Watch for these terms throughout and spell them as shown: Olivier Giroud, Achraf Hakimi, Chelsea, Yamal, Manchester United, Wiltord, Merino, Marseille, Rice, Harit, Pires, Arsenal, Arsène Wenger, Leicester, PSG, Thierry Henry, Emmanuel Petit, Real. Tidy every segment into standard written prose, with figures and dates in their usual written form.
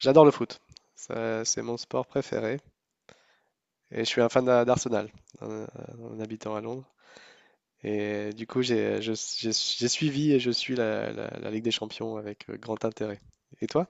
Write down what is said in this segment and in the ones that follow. J'adore le foot. Ça, c'est mon sport préféré. Et je suis un fan d'Arsenal, en, en habitant à Londres. Et du coup, j'ai suivi et je suis la Ligue des Champions avec grand intérêt. Et toi?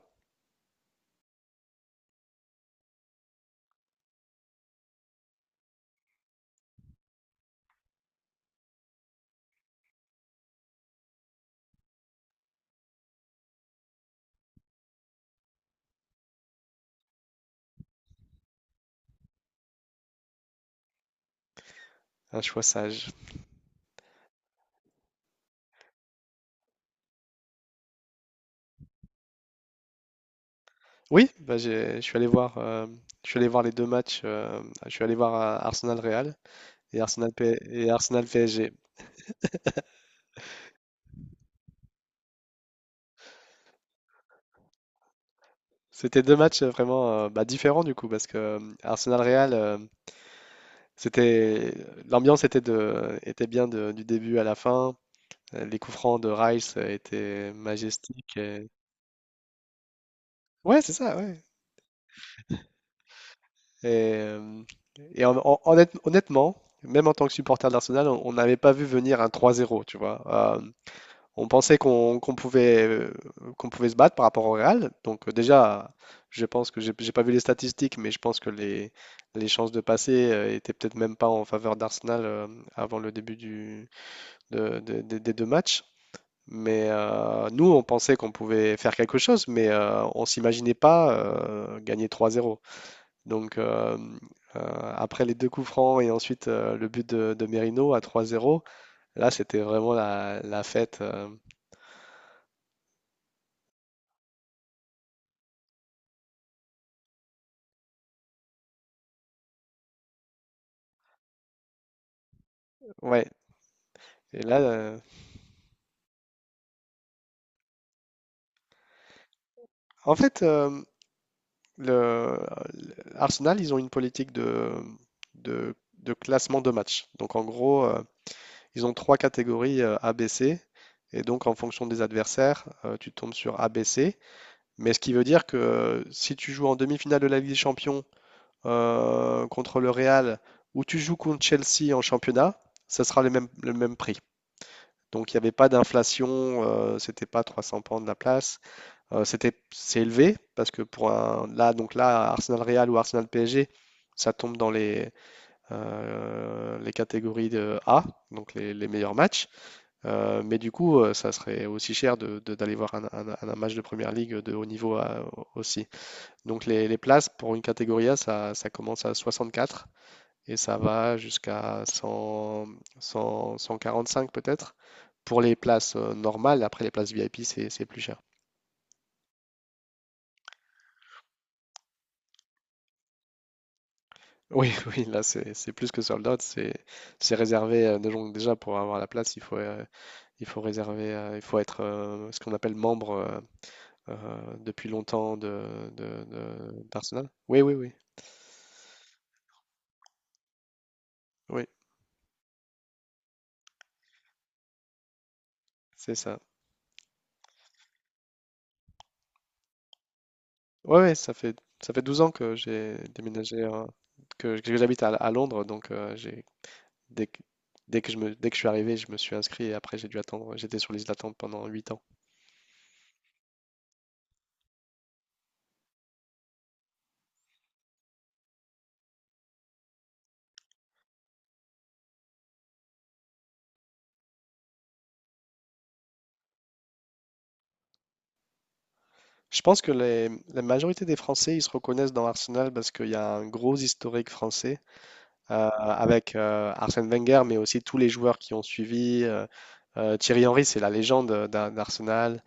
Un choix sage. Oui, bah, je suis allé voir, je suis allé voir les deux matchs. Je suis allé voir Arsenal-Real et Arsenal PSG. C'était deux matchs vraiment bah, différents du coup parce que Arsenal-Real, c'était l'ambiance était de était bien de- du début à la fin. Les coups francs de Rice étaient majestiques. Ouais, c'est ça, ouais. Et, euh, et honnêtement, même en tant que supporter d'Arsenal, on n'avait pas vu venir un 3-0, tu vois. Euh, on pensait qu'on pouvait se battre par rapport au Real. Donc déjà, je pense que j'ai pas vu les statistiques, mais je pense que les chances de passer étaient peut-être même pas en faveur d'Arsenal avant le début du, de- des deux matchs. Mais nous, on pensait qu'on pouvait faire quelque chose, mais on s'imaginait pas gagner 3-0. Donc, après les deux coups francs et ensuite le but de Merino à 3-0, là, c'était vraiment la fête. Ouais. Et là, en fait, le, Arsenal, ils ont une politique de classement de match. Donc, en gros, ils ont trois catégories ABC. Et donc, en fonction des adversaires, tu tombes sur ABC. Mais ce qui veut dire que si tu joues en demi-finale de la Ligue des Champions contre le Real ou tu joues contre Chelsea en championnat, ça sera le même prix. Donc il n'y avait pas d'inflation, c'était pas 300 pounds de la place. C'est élevé parce que donc là, Arsenal Real ou Arsenal PSG, ça tombe dans les catégories de A, donc les meilleurs matchs. Mais du coup, ça serait aussi cher d'aller voir un match de première ligue de haut niveau aussi. Donc les places pour une catégorie A, ça commence à 64 et ça va jusqu'à 100, 100, 145 peut-être pour les places normales. Après les places VIP, c'est plus cher. Oui, oui, là c'est plus que sold out, c'est réservé déjà, pour avoir la place, il faut réserver, il faut être ce qu'on appelle membre depuis longtemps d'Arsenal. Oui, oui, oui, oui, c'est ça. Ouais, ouais, ça fait 12 ans que j'ai déménagé, hein, que j'habite à Londres, donc j'ai dès que, dès que je suis arrivé, je me suis inscrit et après j'ai dû attendre. J'étais sur liste d'attente pendant 8 ans. Je pense que la majorité des Français, ils se reconnaissent dans Arsenal parce qu'il y a un gros historique français. Avec Arsène Wenger, mais aussi tous les joueurs qui ont suivi. Thierry Henry, c'est la légende d'Arsenal.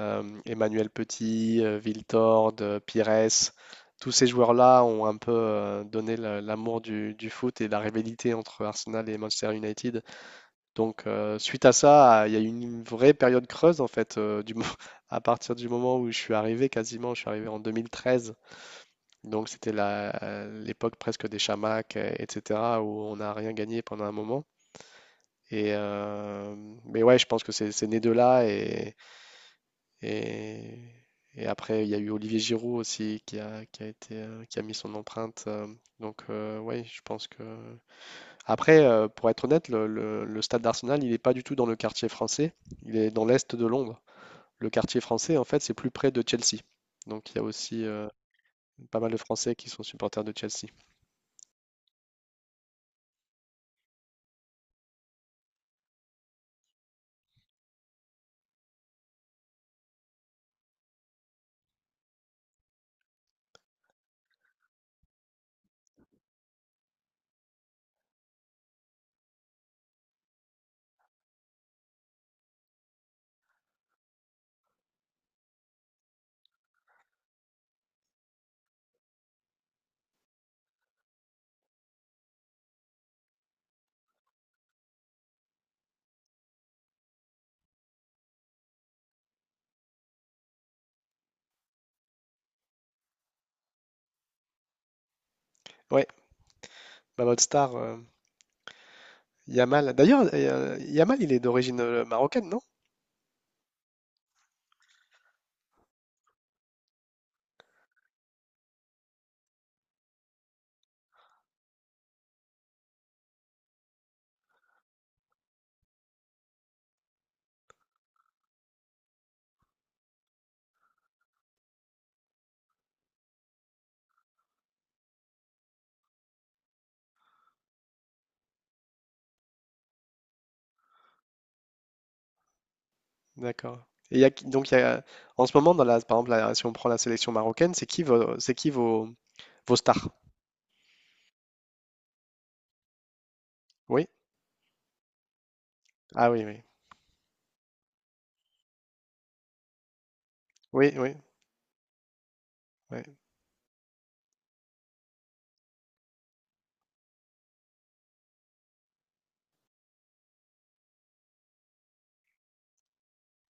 Emmanuel Petit, Wiltord, Pires, tous ces joueurs-là ont un peu donné l'amour du foot et la rivalité entre Arsenal et Manchester United. Donc, suite à ça, il y a eu une vraie période creuse en fait, à partir du moment où je suis arrivé, quasiment, je suis arrivé en 2013. Donc c'était l'époque presque des chamacs, etc., où on n'a rien gagné pendant un moment. Et mais ouais, je pense que c'est né de là. Et, et après, il y a eu Olivier Giroud aussi qui a mis son empreinte. Donc, ouais, je pense que... Après, pour être honnête, le stade d'Arsenal, il n'est pas du tout dans le quartier français. Il est dans l'est de Londres. Le quartier français, en fait, c'est plus près de Chelsea. Donc il y a aussi pas mal de Français qui sont supporters de Chelsea. Ouais, bah, votre star, Yamal. D'ailleurs, Yamal, il est d'origine marocaine, non? D'accord. Et il y a qui- donc, il y a, en ce moment, par exemple, si on prend la sélection marocaine, c'est qui vos stars? Oui? Ah oui, oui. Oui, oui. Ouais.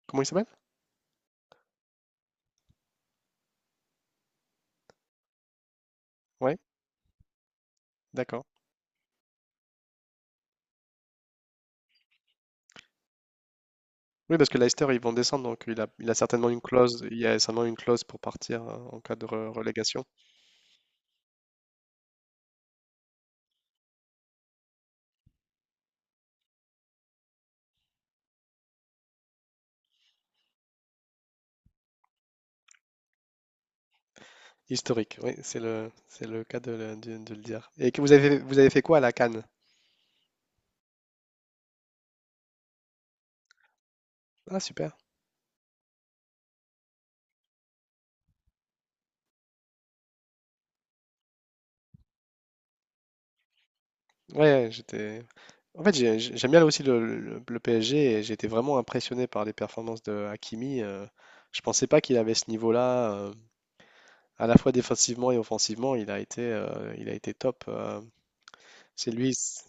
Comment il s'appelle? Oui, d'accord. Oui, parce que Leicester, ils vont descendre, donc il y a certainement une clause pour partir en cas de relégation. Historique, oui, c'est le cas de le dire. Et que vous avez fait quoi à la Cannes? Ah, super. Ouais, ouais, j'étais. En fait, j'aime bien là aussi le PSG et j'ai été vraiment impressionné par les performances de Hakimi. Je pensais pas qu'il avait ce niveau-là, à la fois défensivement et offensivement. Il a été top. C'est lui.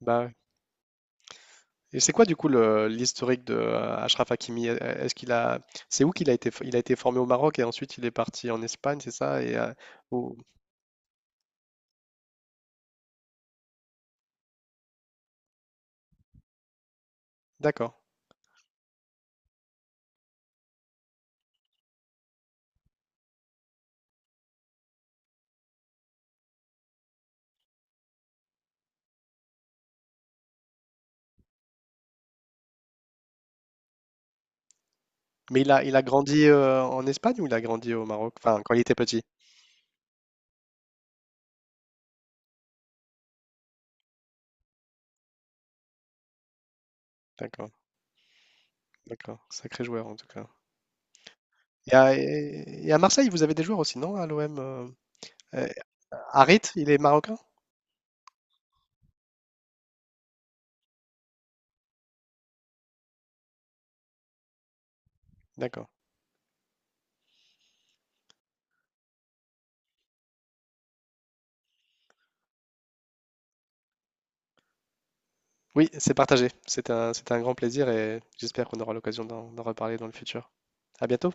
Bah, et c'est quoi du coup l'historique de Achraf Hakimi? Est-ce qu'il a, c'est où qu'il a été, f- il a été formé au Maroc et ensuite il est parti en Espagne, c'est ça? Au- D'accord. Mais il a grandi en Espagne ou il a grandi au Maroc? Enfin, quand il était petit. D'accord, d'accord. Sacré joueur en tout cas. Et à Marseille, vous avez des joueurs aussi, non? À l'OM. Euh, Harit, il est marocain? D'accord. Oui, c'est partagé. C'était un grand plaisir et j'espère qu'on aura l'occasion d'en reparler dans le futur. À bientôt.